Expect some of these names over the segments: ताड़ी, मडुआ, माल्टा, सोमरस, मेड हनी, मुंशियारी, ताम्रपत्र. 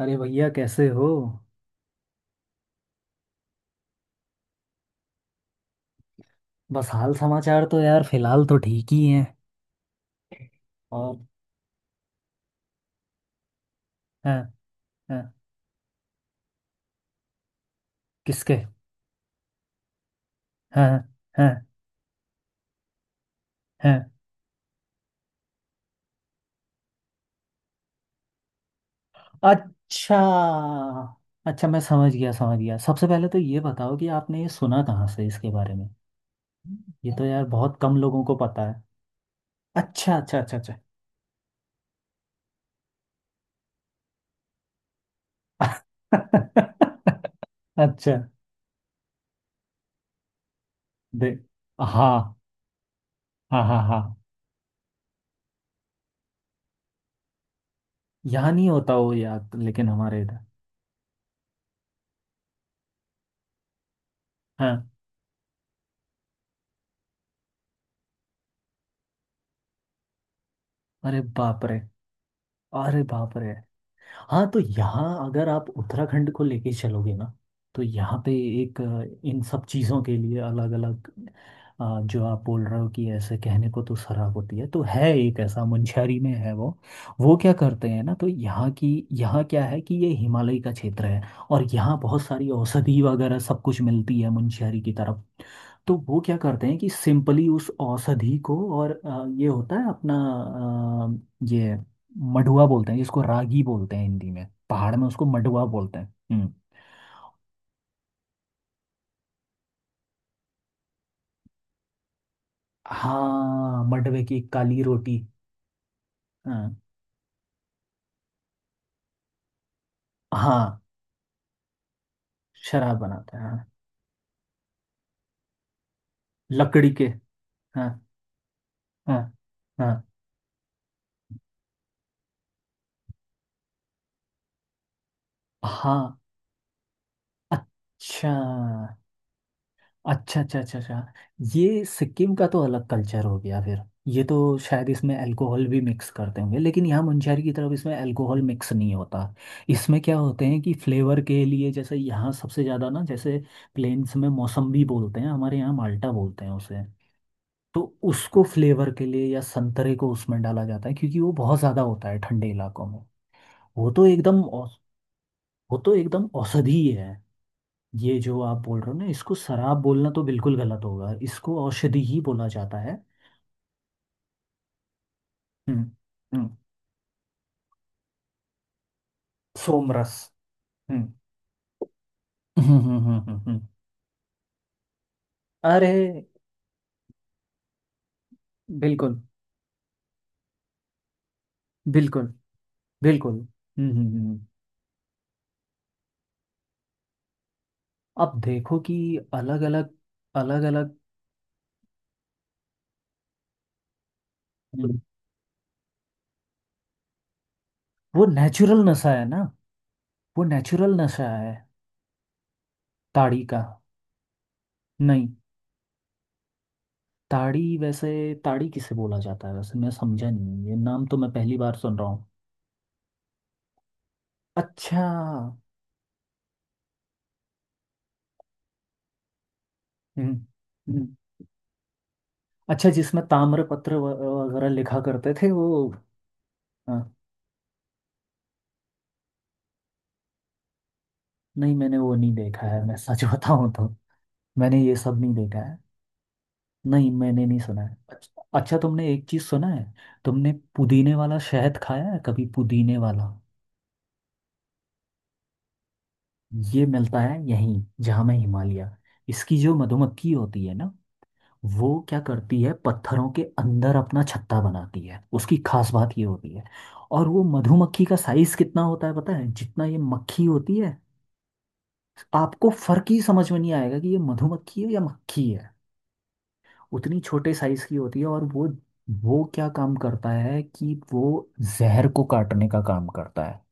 अरे भैया कैसे हो। बस हाल समाचार तो यार फिलहाल तो ठीक ही है। और हाँ। हाँ किसके? हाँ हाँ हाँ। अच्छा। अच्छा मैं समझ गया, समझ गया। सबसे पहले तो ये बताओ कि आपने ये सुना कहाँ से इसके बारे में? ये तो यार बहुत कम लोगों को पता है। अच्छा अच्छा अच्छा अच्छा। अच्छा दे हाँ हाँ हाँ। हाँ यहाँ नहीं होता वो याद, लेकिन हमारे इधर। हाँ, अरे बाप रे, अरे बाप रे। हाँ तो यहाँ अगर आप उत्तराखंड को लेके चलोगे ना, तो यहाँ पे एक इन सब चीज़ों के लिए अलग अलग जो आप बोल रहे हो कि ऐसे कहने को तो शराब होती है, तो है एक ऐसा मुंशियारी में है वो। वो क्या करते हैं ना, तो यहाँ की, यहाँ क्या है कि ये हिमालय का क्षेत्र है और यहाँ बहुत सारी औषधि वगैरह सब कुछ मिलती है मुंशियारी की तरफ। तो वो क्या करते हैं कि सिंपली उस औषधि को और ये होता है अपना ये मडुआ बोलते हैं जिसको रागी बोलते हैं हिंदी में, पहाड़ में उसको मडुआ बोलते हैं। हम्म। हाँ, मडवे की काली रोटी। हाँ हाँ, शराब बनाते हैं हाँ। लकड़ी के। हाँ हाँ हाँ हाँ। अच्छा अच्छा अच्छा अच्छा। अच्छा, ये सिक्किम का तो अलग कल्चर हो गया फिर। ये तो शायद इसमें अल्कोहल भी मिक्स करते होंगे, लेकिन यहाँ मुंशहरी की तरफ इसमें अल्कोहल मिक्स नहीं होता। इसमें क्या होते हैं कि फ्लेवर के लिए, जैसे यहाँ सबसे ज़्यादा ना, जैसे प्लेन्स में मौसम्बी बोलते हैं, हमारे यहाँ माल्टा बोलते हैं उसे। तो उसको फ्लेवर के लिए या संतरे को उसमें डाला जाता है, क्योंकि वो बहुत ज़्यादा होता है ठंडे इलाकों में। वो तो एकदम औ- वो तो एकदम औषधि है। ये जो आप बोल रहे हो ना, इसको शराब बोलना तो बिल्कुल गलत होगा, इसको औषधि ही बोला जाता है। हम्म। हम्म सोमरस। हम्म हम्म हम्म हम्म हम्म, हम्म। अरे, बिल्कुल, बिल्कुल, बिल्कुल। हम्म हम्म हम्म। अब देखो कि अलग अलग, अलग अलग। वो नेचुरल नशा है ना, वो नेचुरल नशा है। ताड़ी का? नहीं। ताड़ी वैसे, ताड़ी किसे बोला जाता है वैसे मैं समझा नहीं, ये नाम तो मैं पहली बार सुन रहा हूँ। अच्छा। हम्म। अच्छा, जिसमें ताम्रपत्र वगैरह लिखा करते थे वो? हाँ, नहीं मैंने वो नहीं देखा है, मैं सच बताऊं तो। मैंने ये सब नहीं देखा है। नहीं, मैंने नहीं सुना है। अच्छा अच्छा, तुमने एक चीज सुना है, तुमने पुदीने वाला शहद खाया है कभी, पुदीने वाला? ये मिलता है यहीं जहाँ मैं, हिमालय। इसकी जो मधुमक्खी होती है ना, वो क्या करती है, पत्थरों के अंदर अपना छत्ता बनाती है। उसकी खास बात ये होती है, और वो मधुमक्खी का साइज कितना होता है पता है, जितना ये मक्खी होती है। आपको फर्क ही समझ में नहीं आएगा कि ये मधुमक्खी है या मक्खी है, उतनी छोटे साइज की होती है। और वो क्या काम करता है कि वो जहर को काटने का काम करता है।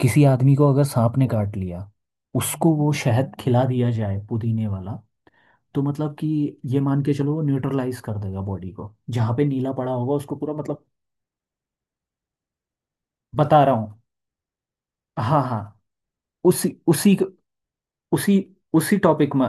किसी आदमी को अगर सांप ने काट लिया, उसको वो शहद खिला दिया जाए पुदीने वाला, तो मतलब कि ये मान के चलो वो न्यूट्रलाइज कर देगा बॉडी को, जहाँ पे नीला पड़ा होगा उसको पूरा मतलब। बता रहा हूँ। हाँ हाँ, उसी उसी उसी उसी टॉपिक में,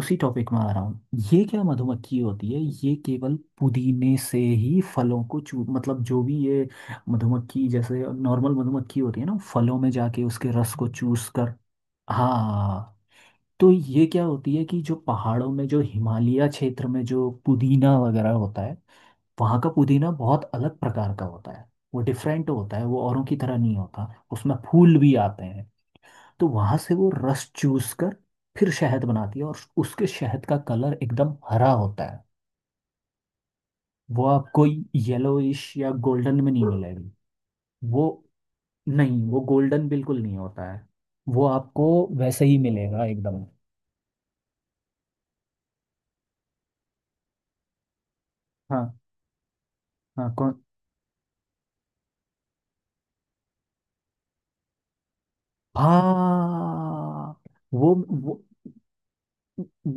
उसी टॉपिक में आ रहा हूँ। ये क्या मधुमक्खी होती है, ये केवल पुदीने से ही फलों को चू, मतलब जो भी ये मधुमक्खी, जैसे नॉर्मल मधुमक्खी होती है ना फलों में जाके उसके रस को चूस कर। हाँ, तो ये क्या होती है कि जो पहाड़ों में, जो हिमालय क्षेत्र में जो पुदीना वगैरह होता है, वहाँ का पुदीना बहुत अलग प्रकार का होता है। वो डिफरेंट होता है, वो औरों की तरह नहीं होता। उसमें फूल भी आते हैं, तो वहां से वो रस चूस कर फिर शहद बनाती है, और उसके शहद का कलर एकदम हरा होता है। वो आपको येलोइश या गोल्डन में नहीं मिलेगी। वो नहीं, वो गोल्डन बिल्कुल नहीं होता है। वो आपको वैसे ही मिलेगा एकदम। हाँ। हाँ कौन? हाँ वो वो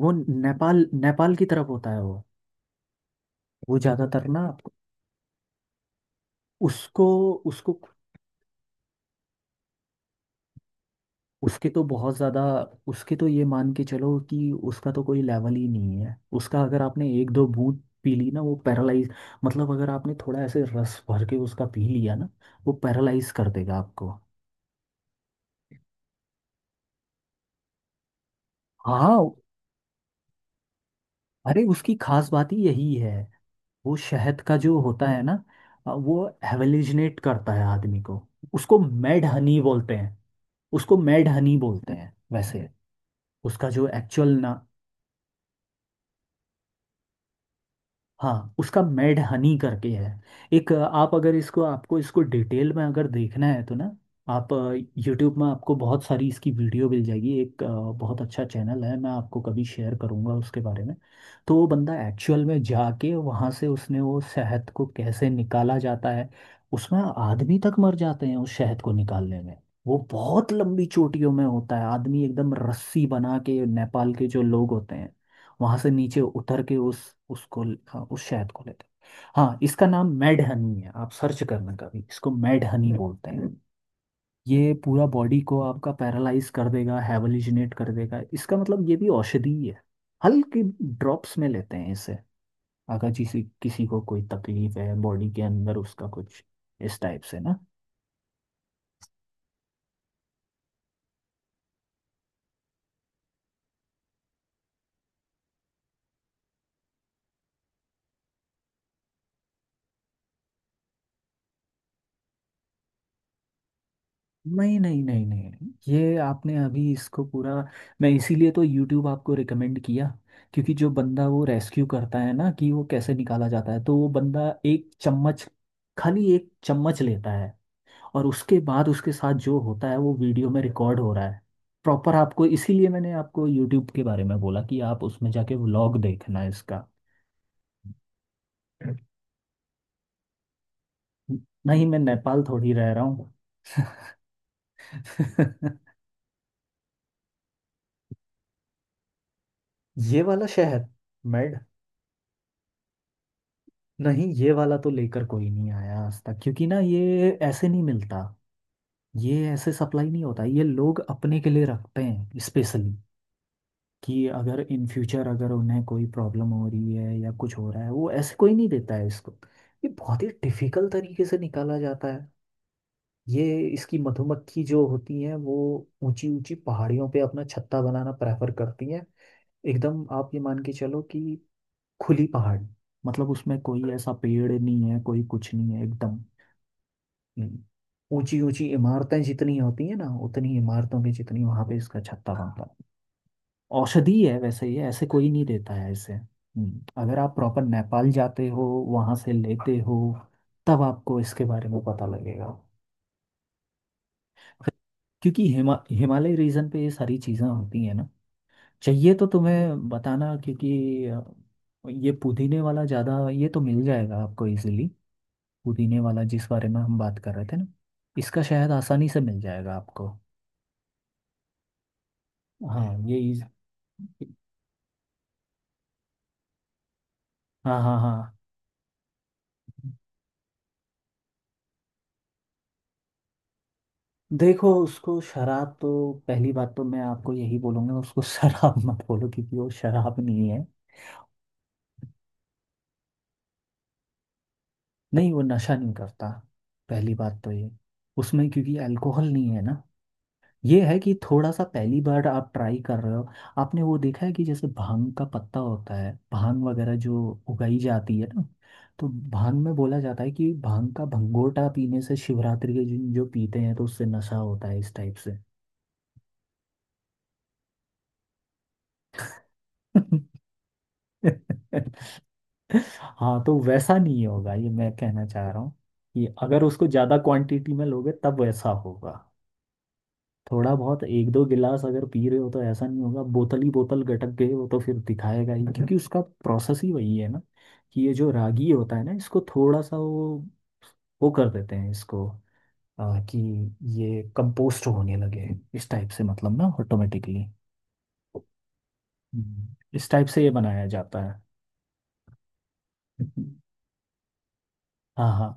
वो नेपाल, नेपाल की तरफ होता है वो। वो ज्यादातर ना आपको, उसको उसको उसके तो बहुत ज़्यादा, उसके तो ये मान के चलो कि उसका तो कोई लेवल ही नहीं है। उसका अगर आपने एक दो बूंद पी ली ना, वो पैरालाइज, मतलब अगर आपने थोड़ा ऐसे रस भर के उसका पी लिया ना, वो पैरालाइज कर देगा आपको। हाँ, अरे उसकी खास बात ही यही है। वो शहद का जो होता है ना, वो हेलुसिनेट करता है आदमी को। उसको मेड हनी बोलते हैं। उसको मेड हनी बोलते हैं वैसे। उसका जो एक्चुअल ना, हाँ उसका मेड हनी करके है। एक आप अगर इसको, आपको इसको डिटेल में अगर देखना है तो ना, आप यूट्यूब में आपको बहुत सारी इसकी वीडियो मिल जाएगी। एक बहुत अच्छा चैनल है, मैं आपको कभी शेयर करूँगा उसके बारे में। तो वो बंदा एक्चुअल में जाके वहाँ से उसने वो शहद को कैसे निकाला जाता है, उसमें आदमी तक मर जाते हैं उस शहद को निकालने में। वो बहुत लंबी चोटियों में होता है, आदमी एकदम रस्सी बना के, नेपाल के जो लोग होते हैं वहां से नीचे उतर के उस, उसको, हाँ, उस शहद को लेते हैं। हाँ इसका नाम मेड हनी है, आप सर्च करना कभी, इसको मेड हनी बोलते हैं। ये पूरा बॉडी को आपका पैरालाइज कर देगा, हैवलिजिनेट कर देगा। इसका मतलब ये भी औषधि ही है। हल्की ड्रॉप्स में लेते हैं इसे, अगर किसी किसी को कोई तकलीफ है बॉडी के अंदर उसका कुछ, इस टाइप से ना। नहीं नहीं नहीं नहीं, ये आपने अभी इसको पूरा, मैं इसीलिए तो YouTube आपको रिकमेंड किया, क्योंकि जो बंदा वो रेस्क्यू करता है ना कि वो कैसे निकाला जाता है, तो वो बंदा एक चम्मच, खाली एक चम्मच लेता है, और उसके बाद उसके साथ जो होता है वो वीडियो में रिकॉर्ड हो रहा है प्रॉपर। आपको इसीलिए मैंने आपको यूट्यूब के बारे में बोला कि आप उसमें जाके व्लॉग देखना है इसका। नहीं, मैं नेपाल थोड़ी रह रहा हूँ। ये वाला शहर, मेड, नहीं ये वाला तो लेकर कोई नहीं आया आज तक, क्योंकि ना ये ऐसे नहीं मिलता। ये ऐसे सप्लाई नहीं होता, ये लोग अपने के लिए रखते हैं स्पेशली, कि अगर इन फ्यूचर अगर उन्हें कोई प्रॉब्लम हो रही है या कुछ हो रहा है। वो ऐसे कोई नहीं देता है इसको, ये बहुत ही डिफिकल्ट तरीके से निकाला जाता है। ये, इसकी मधुमक्खी जो होती है वो ऊंची ऊंची पहाड़ियों पे अपना छत्ता बनाना प्रेफर करती है। एकदम आप ये मान के चलो कि खुली पहाड़, मतलब उसमें कोई ऐसा पेड़ नहीं है, कोई कुछ नहीं है एकदम। हम्म, ऊंची ऊंची इमारतें जितनी होती है ना, उतनी इमारतों की जितनी वहां पे इसका छत्ता बनता है। औषधि है वैसे, ये ऐसे कोई नहीं देता है इसे। अगर आप प्रॉपर नेपाल जाते हो, वहां से लेते हो, तब आपको इसके बारे में पता लगेगा। क्योंकि हिमालय रीजन पे ये सारी चीज़ें होती हैं ना। चाहिए तो तुम्हें बताना, क्योंकि ये पुदीने वाला ज़्यादा, ये तो मिल जाएगा आपको इजीली। पुदीने वाला जिस बारे में हम बात कर रहे थे ना, इसका शायद आसानी से मिल जाएगा आपको। हाँ यही। हाँ हाँ हाँ। देखो उसको शराब तो, पहली बात तो मैं आपको यही बोलूंगा उसको शराब मत बोलो, क्योंकि वो शराब नहीं है। नहीं, वो नशा नहीं करता। पहली बात तो ये, उसमें क्योंकि अल्कोहल नहीं है ना। ये है कि थोड़ा सा पहली बार आप ट्राई कर रहे हो, आपने वो देखा है कि जैसे भांग का पत्ता होता है, भांग वगैरह जो उगाई जाती है ना, तो भांग में बोला जाता है कि भांग का भंगोटा पीने से, शिवरात्रि के दिन जो पीते हैं, तो उससे नशा होता है इस टाइप से। हाँ तो वैसा नहीं होगा, ये मैं कहना चाह रहा हूँ कि अगर उसको ज़्यादा क्वांटिटी में लोगे तब वैसा होगा। थोड़ा बहुत एक दो गिलास अगर पी रहे हो तो ऐसा नहीं होगा। बोतल ही बोतल गटक गए हो तो फिर दिखाएगा ही, क्योंकि उसका प्रोसेस ही वही है ना, कि ये जो रागी होता है ना, इसको थोड़ा सा वो कर देते हैं इसको, कि ये कंपोस्ट होने लगे, इस टाइप से मतलब ना, ऑटोमेटिकली इस टाइप से ये बनाया जाता है। हाँ हाँ।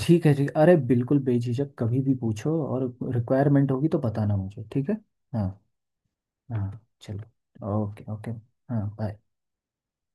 ठीक है ठीक है। अरे बिल्कुल, बेझिझक कभी भी पूछो, और रिक्वायरमेंट होगी तो बताना मुझे ठीक है। हाँ हाँ, चलो ओके ओके। हाँ बाय।